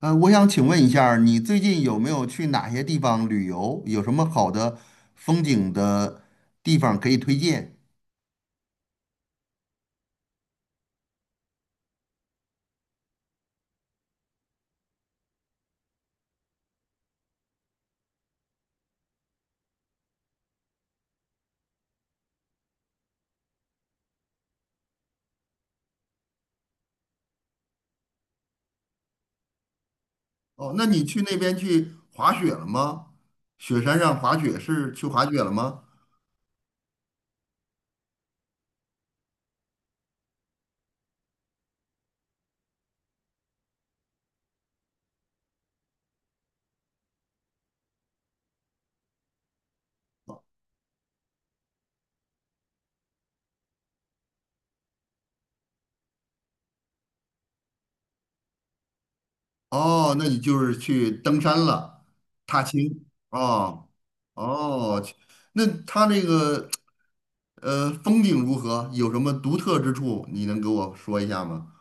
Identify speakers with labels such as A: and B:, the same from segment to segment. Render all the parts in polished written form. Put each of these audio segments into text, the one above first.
A: 我想请问一下儿你最近有没有去哪些地方旅游？有什么好的风景的地方可以推荐？哦，那你去那边去滑雪了吗？雪山上滑雪是去滑雪了吗？哦，那你就是去登山了，踏青。哦，哦，那它那个风景如何？有什么独特之处？你能给我说一下吗？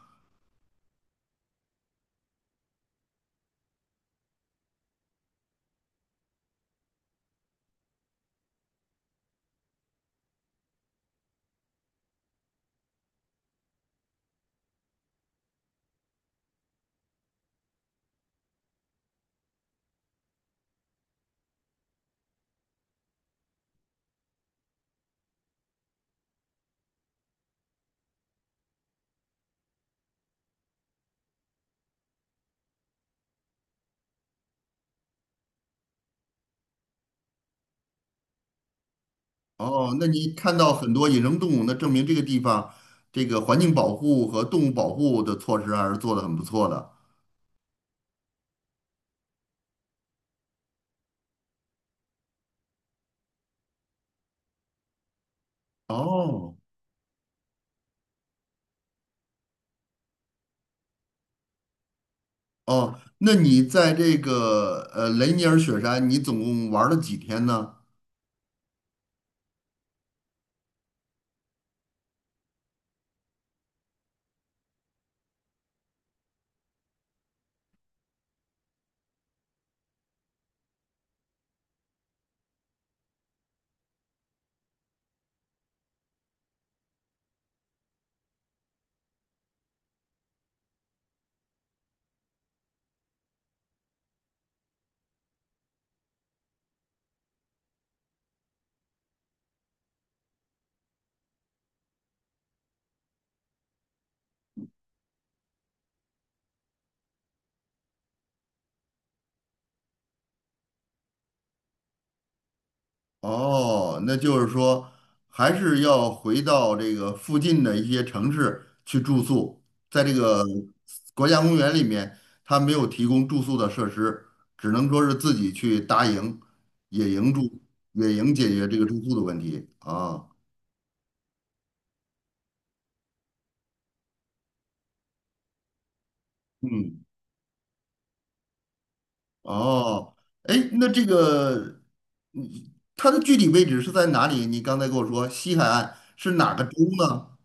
A: 哦，那你看到很多野生动物，那证明这个地方这个环境保护和动物保护的措施还是做的很不错的。哦哦，那你在这个雷尼尔雪山，你总共玩了几天呢？哦，那就是说，还是要回到这个附近的一些城市去住宿，在这个国家公园里面，它没有提供住宿的设施，只能说是自己去搭营、野营住、野营解决这个住宿的问题啊。嗯，哦，哎，那这个，嗯它的具体位置是在哪里？你刚才跟我说西海岸是哪个州呢？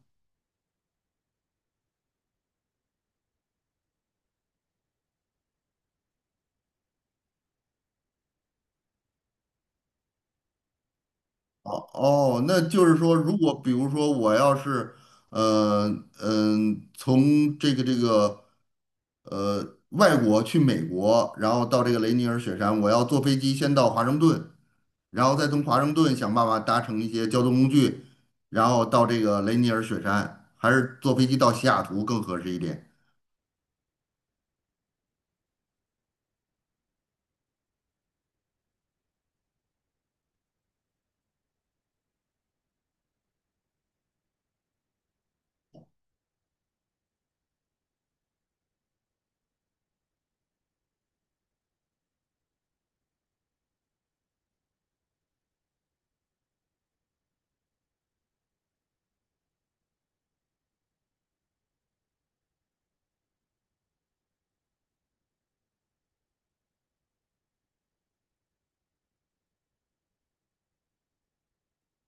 A: 哦哦，那就是说，如果比如说我要是，呃从这个外国去美国，然后到这个雷尼尔雪山，我要坐飞机先到华盛顿，然后再从华盛顿想办法搭乘一些交通工具，然后到这个雷尼尔雪山，还是坐飞机到西雅图更合适一点？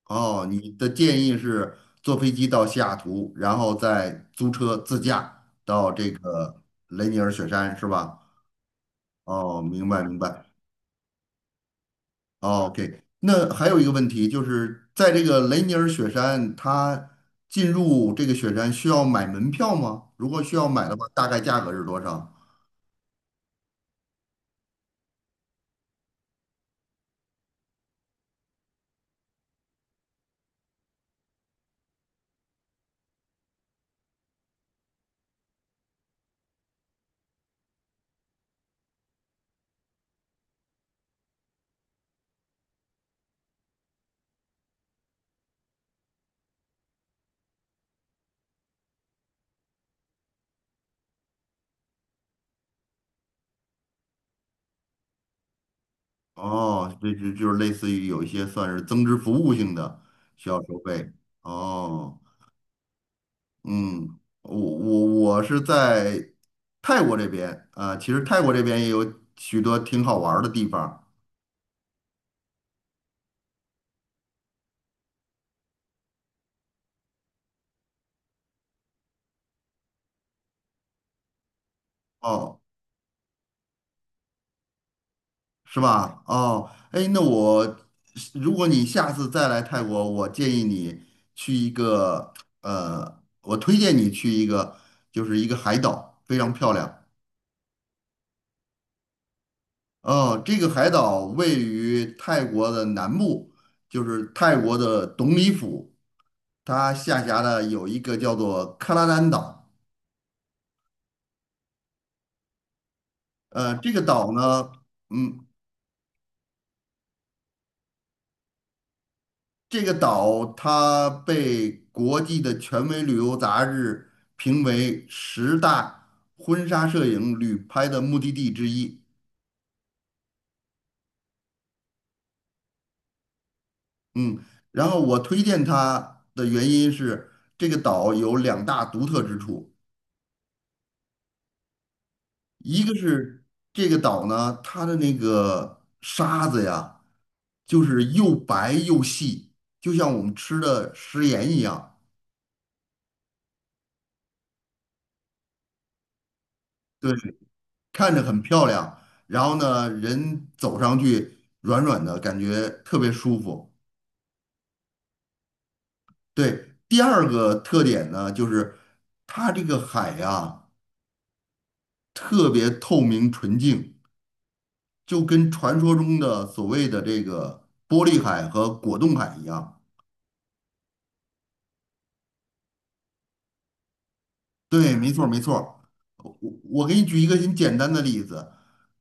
A: 哦，你的建议是坐飞机到西雅图，然后再租车自驾到这个雷尼尔雪山，是吧？哦，明白明白。哦 OK，那还有一个问题就是，在这个雷尼尔雪山，它进入这个雪山需要买门票吗？如果需要买的话，大概价格是多少？哦，这就是类似于有一些算是增值服务性的需要收费。哦，嗯，我是在泰国这边啊，其实泰国这边也有许多挺好玩儿的地方。哦是吧？哦，哎，那我如果你下次再来泰国，我建议你去一个呃，我推荐你去一个，就是一个海岛，非常漂亮。哦，这个海岛位于泰国的南部，就是泰国的董里府，它下辖的有一个叫做克拉丹岛。呃，这个岛呢。嗯。这个岛它被国际的权威旅游杂志评为十大婚纱摄影旅拍的目的地之一。嗯，然后我推荐它的原因是，这个岛有两大独特之处，一个是这个岛呢，它的那个沙子呀，就是又白又细，就像我们吃的食盐一样。对。看着很漂亮，然后呢，人走上去软软的，感觉特别舒服。对，第二个特点呢，就是它这个海呀，特别透明纯净，就跟传说中的所谓的这个玻璃海和果冻海一样。对，没错儿没错儿。我我给你举一个很简单的例子，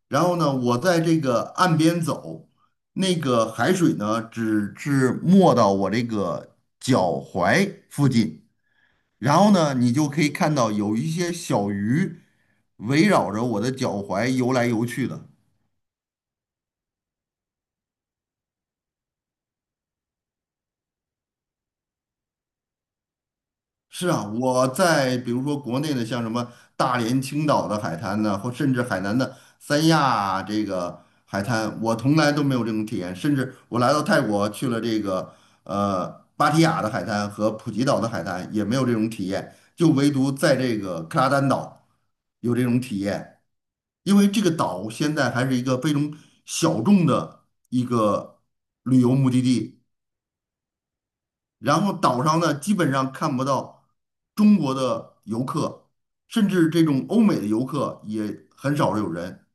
A: 然后呢，我在这个岸边走，那个海水呢只是没到我这个脚踝附近，然后呢，你就可以看到有一些小鱼围绕着我的脚踝游来游去的。是啊，我在比如说国内的，像什么大连、青岛的海滩呢，或甚至海南的三亚这个海滩，我从来都没有这种体验。甚至我来到泰国去了这个呃芭提雅的海滩和普吉岛的海滩，也没有这种体验，就唯独在这个克拉丹岛有这种体验。因为这个岛现在还是一个非常小众的一个旅游目的地。然后岛上呢，基本上看不到中国的游客，甚至这种欧美的游客也很少有人。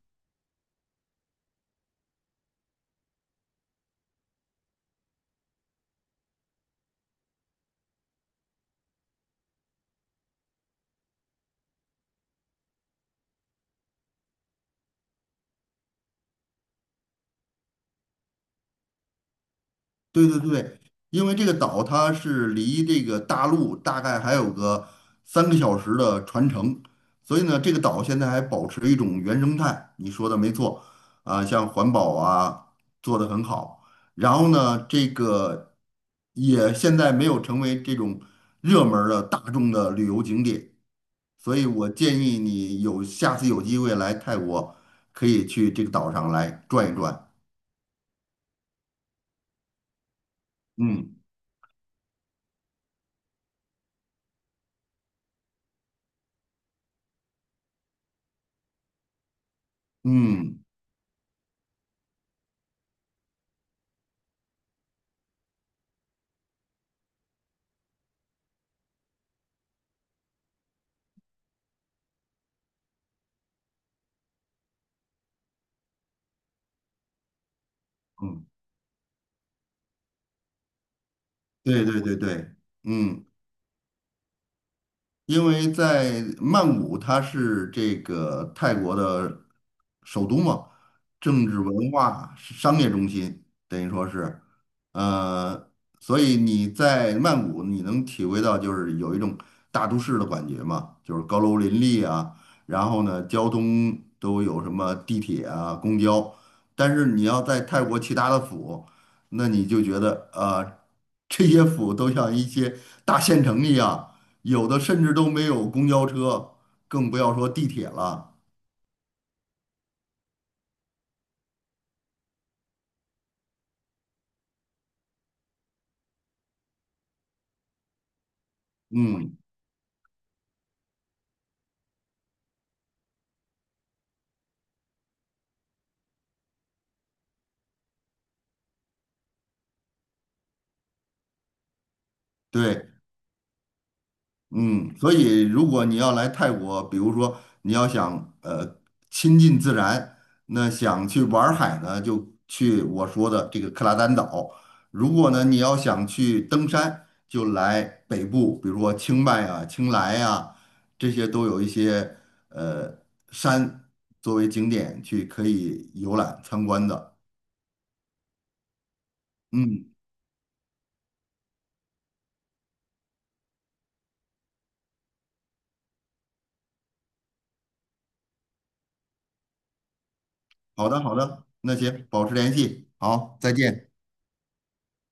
A: 对对对，因为这个岛它是离这个大陆大概还有个3个小时的船程，所以呢，这个岛现在还保持一种原生态。你说的没错，啊，像环保啊做得很好，然后呢，这个也现在没有成为这种热门儿的大众的旅游景点。所以我建议你有下次有机会来泰国，可以去这个岛上来转一转。嗯嗯嗯，对对对对，嗯。因为在曼谷，它是这个泰国的首都嘛，政治文化是商业中心，等于说是，呃，所以你在曼谷，你能体会到就是有一种大都市的感觉嘛，就是高楼林立啊，然后呢，交通都有什么地铁啊、公交，但是你要在泰国其他的府，那你就觉得啊、这些府都像一些大县城一样。有的甚至都没有公交车，更不要说地铁了。嗯，对，嗯，所以如果你要来泰国，比如说你要想亲近自然，那想去玩儿海呢，就去我说的这个克拉丹岛；如果呢你要想去登山，就来北部，比如说清迈啊、清莱啊，这些都有一些呃山作为景点去可以游览参观的。嗯。好的，好的，那行，保持联系，好，再见。